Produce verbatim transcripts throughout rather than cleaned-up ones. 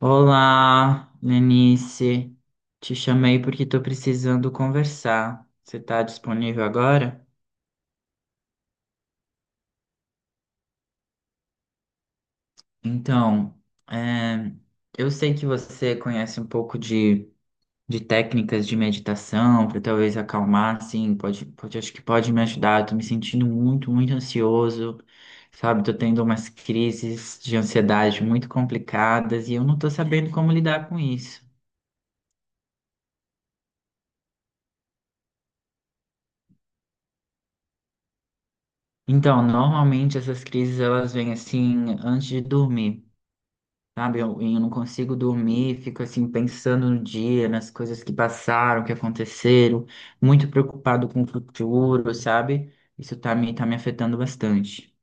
Olá, Lenice. Te chamei porque estou precisando conversar. Você está disponível agora? Então, é, eu sei que você conhece um pouco de, de técnicas de meditação para talvez acalmar, assim, pode, pode, acho que pode me ajudar. Eu tô me sentindo muito, muito ansioso, sabe? Tô tendo umas crises de ansiedade muito complicadas e eu não tô sabendo como lidar com isso. Então, normalmente essas crises elas vêm assim antes de dormir, sabe? Eu, eu não consigo dormir, fico assim pensando no dia, nas coisas que passaram, que aconteceram, muito preocupado com o futuro, sabe? Isso tá me, tá me afetando bastante.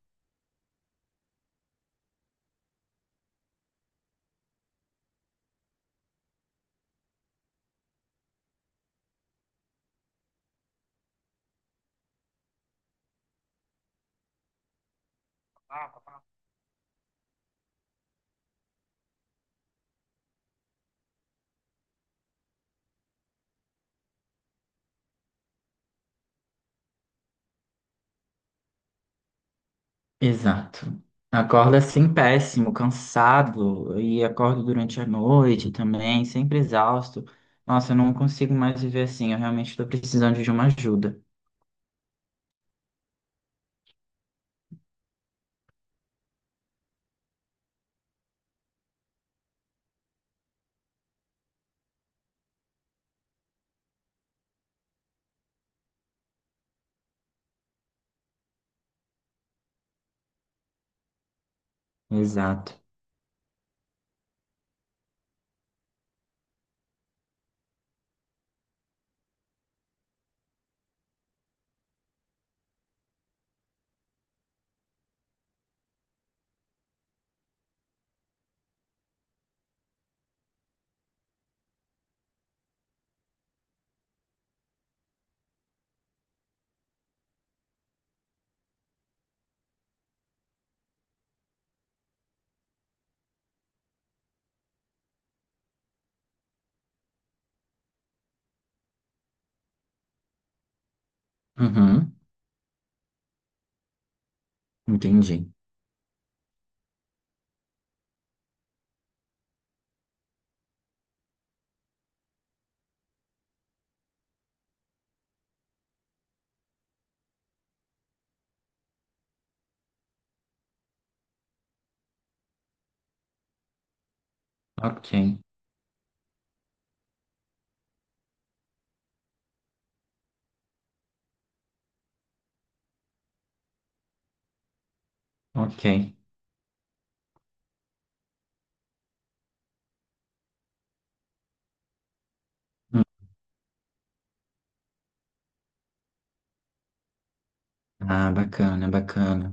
Exato. Acorda assim péssimo, cansado, e acordo durante a noite também, sempre exausto. Nossa, eu não consigo mais viver assim, eu realmente estou precisando de uma ajuda. Exato. Uhum, entendi. Ok. Ok. Hum, ah, bacana, bacana.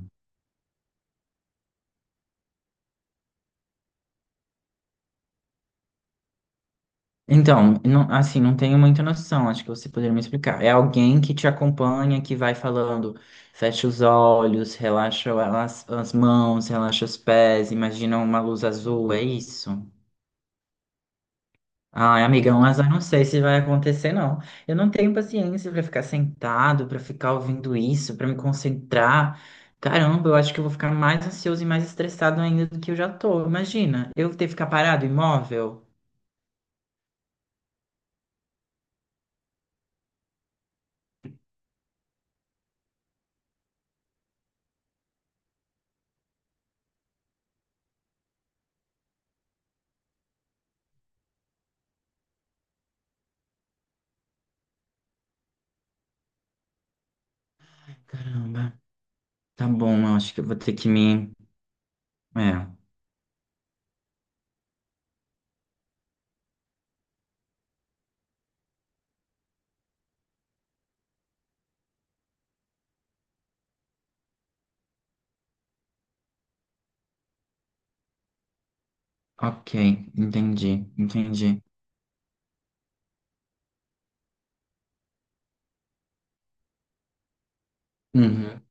Então, não- assim, não tenho muita noção, acho que você poderia me explicar. É alguém que te acompanha, que vai falando, fecha os olhos, relaxa as, as mãos, relaxa os pés, imagina uma luz azul, é isso? Ai, amigão, mas eu não sei se vai acontecer, não. Eu não tenho paciência pra ficar sentado, pra ficar ouvindo isso, pra me concentrar. Caramba, eu acho que eu vou ficar mais ansioso e mais estressado ainda do que eu já tô. Imagina, eu ter que ficar parado, imóvel. Caramba. Tá bom, eu acho que eu vou ter que me. É. Ok, entendi, entendi. Uhum.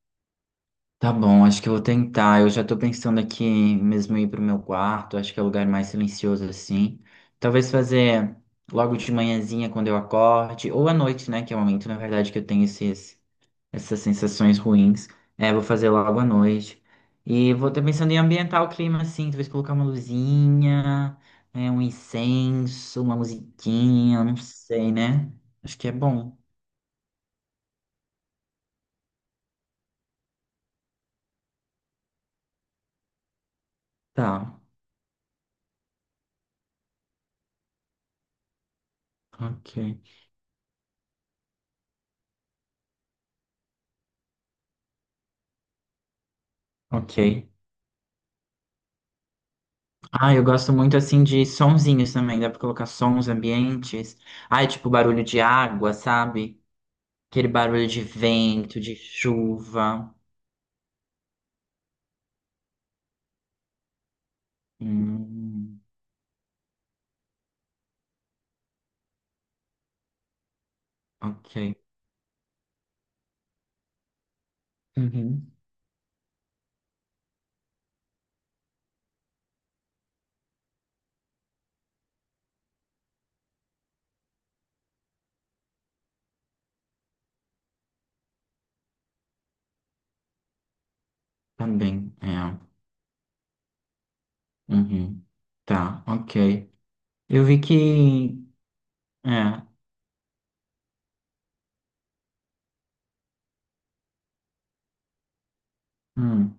Tá bom, acho que eu vou tentar. Eu já tô pensando aqui mesmo ir pro meu quarto, acho que é o lugar mais silencioso assim. Talvez fazer logo de manhãzinha quando eu acorde, ou à noite, né? Que é o momento, na verdade, que eu tenho esses essas sensações ruins. É, vou fazer logo à noite. E vou estar pensando em ambientar o clima assim, talvez colocar uma luzinha, né, um incenso, uma musiquinha, não sei, né? Acho que é bom. Tá, ok, ok. Ah, eu gosto muito assim de sonzinhos também, dá pra colocar sons ambientes. Ah, é tipo barulho de água, sabe? Aquele barulho de vento, de chuva. Hum, ok. Uhum. Também, é. Uhum. Tá, ok. Eu vi que. É, hum,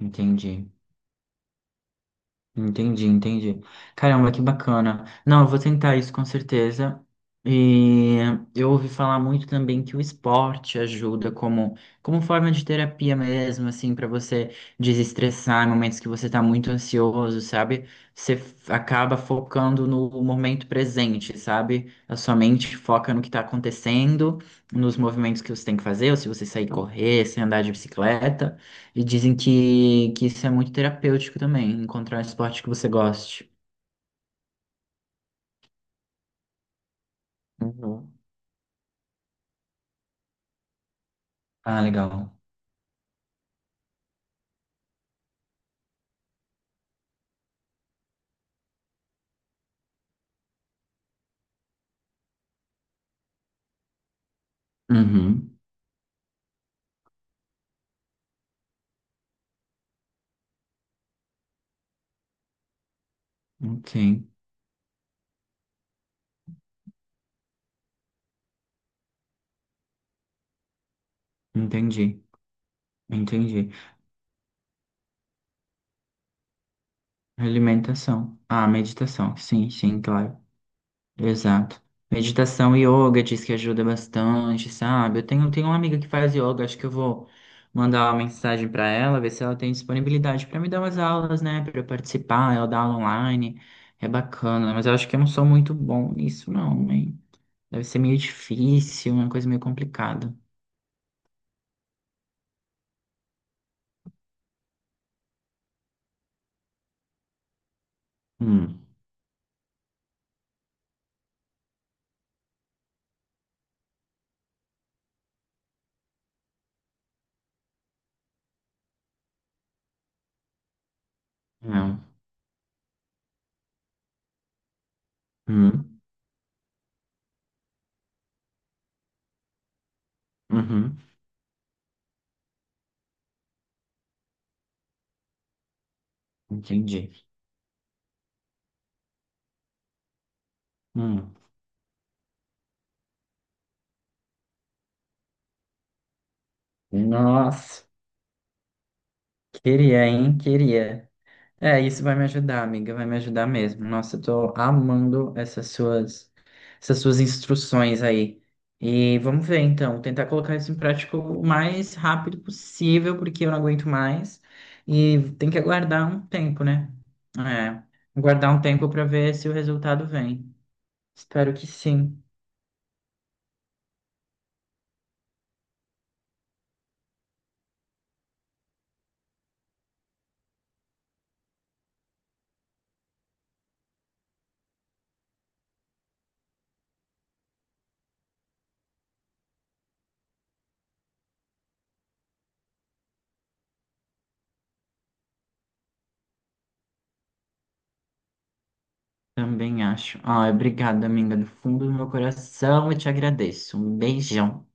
entendi. Entendi, entendi. Caramba, que bacana. Não, eu vou tentar isso com certeza. E eu ouvi falar muito também que o esporte ajuda como, como forma de terapia mesmo, assim, para você desestressar em momentos que você tá muito ansioso, sabe? Você f- acaba focando no momento presente, sabe? A sua mente foca no que tá acontecendo, nos movimentos que você tem que fazer, ou se você sair correr, se andar de bicicleta. E dizem que, que isso é muito terapêutico também, encontrar um esporte que você goste. Uhum. Ah, legal. Uhum. Ok. Entendi. Entendi. Alimentação. Ah, meditação. Sim, sim, claro. Exato. Meditação e yoga diz que ajuda bastante, sabe? Eu tenho, tenho uma amiga que faz yoga, acho que eu vou mandar uma mensagem para ela, ver se ela tem disponibilidade para me dar umas aulas, né? Para eu participar, ela dá aula online. É bacana, mas eu acho que eu não sou muito bom nisso, não, hein? Deve ser meio difícil, uma coisa meio complicada. Hum, não. Hum, uhum, entendi. Hum, nossa, queria, hein? Queria. É, isso vai me ajudar, amiga, vai me ajudar mesmo. Nossa, eu tô amando essas suas, essas suas instruções aí. E vamos ver, então, tentar colocar isso em prática o mais rápido possível, porque eu não aguento mais. E tem que aguardar um tempo, né? É, aguardar um tempo para ver se o resultado vem. Espero que sim. Também acho. Ah, obrigada, amiga, do fundo do meu coração, eu te agradeço. Um beijão.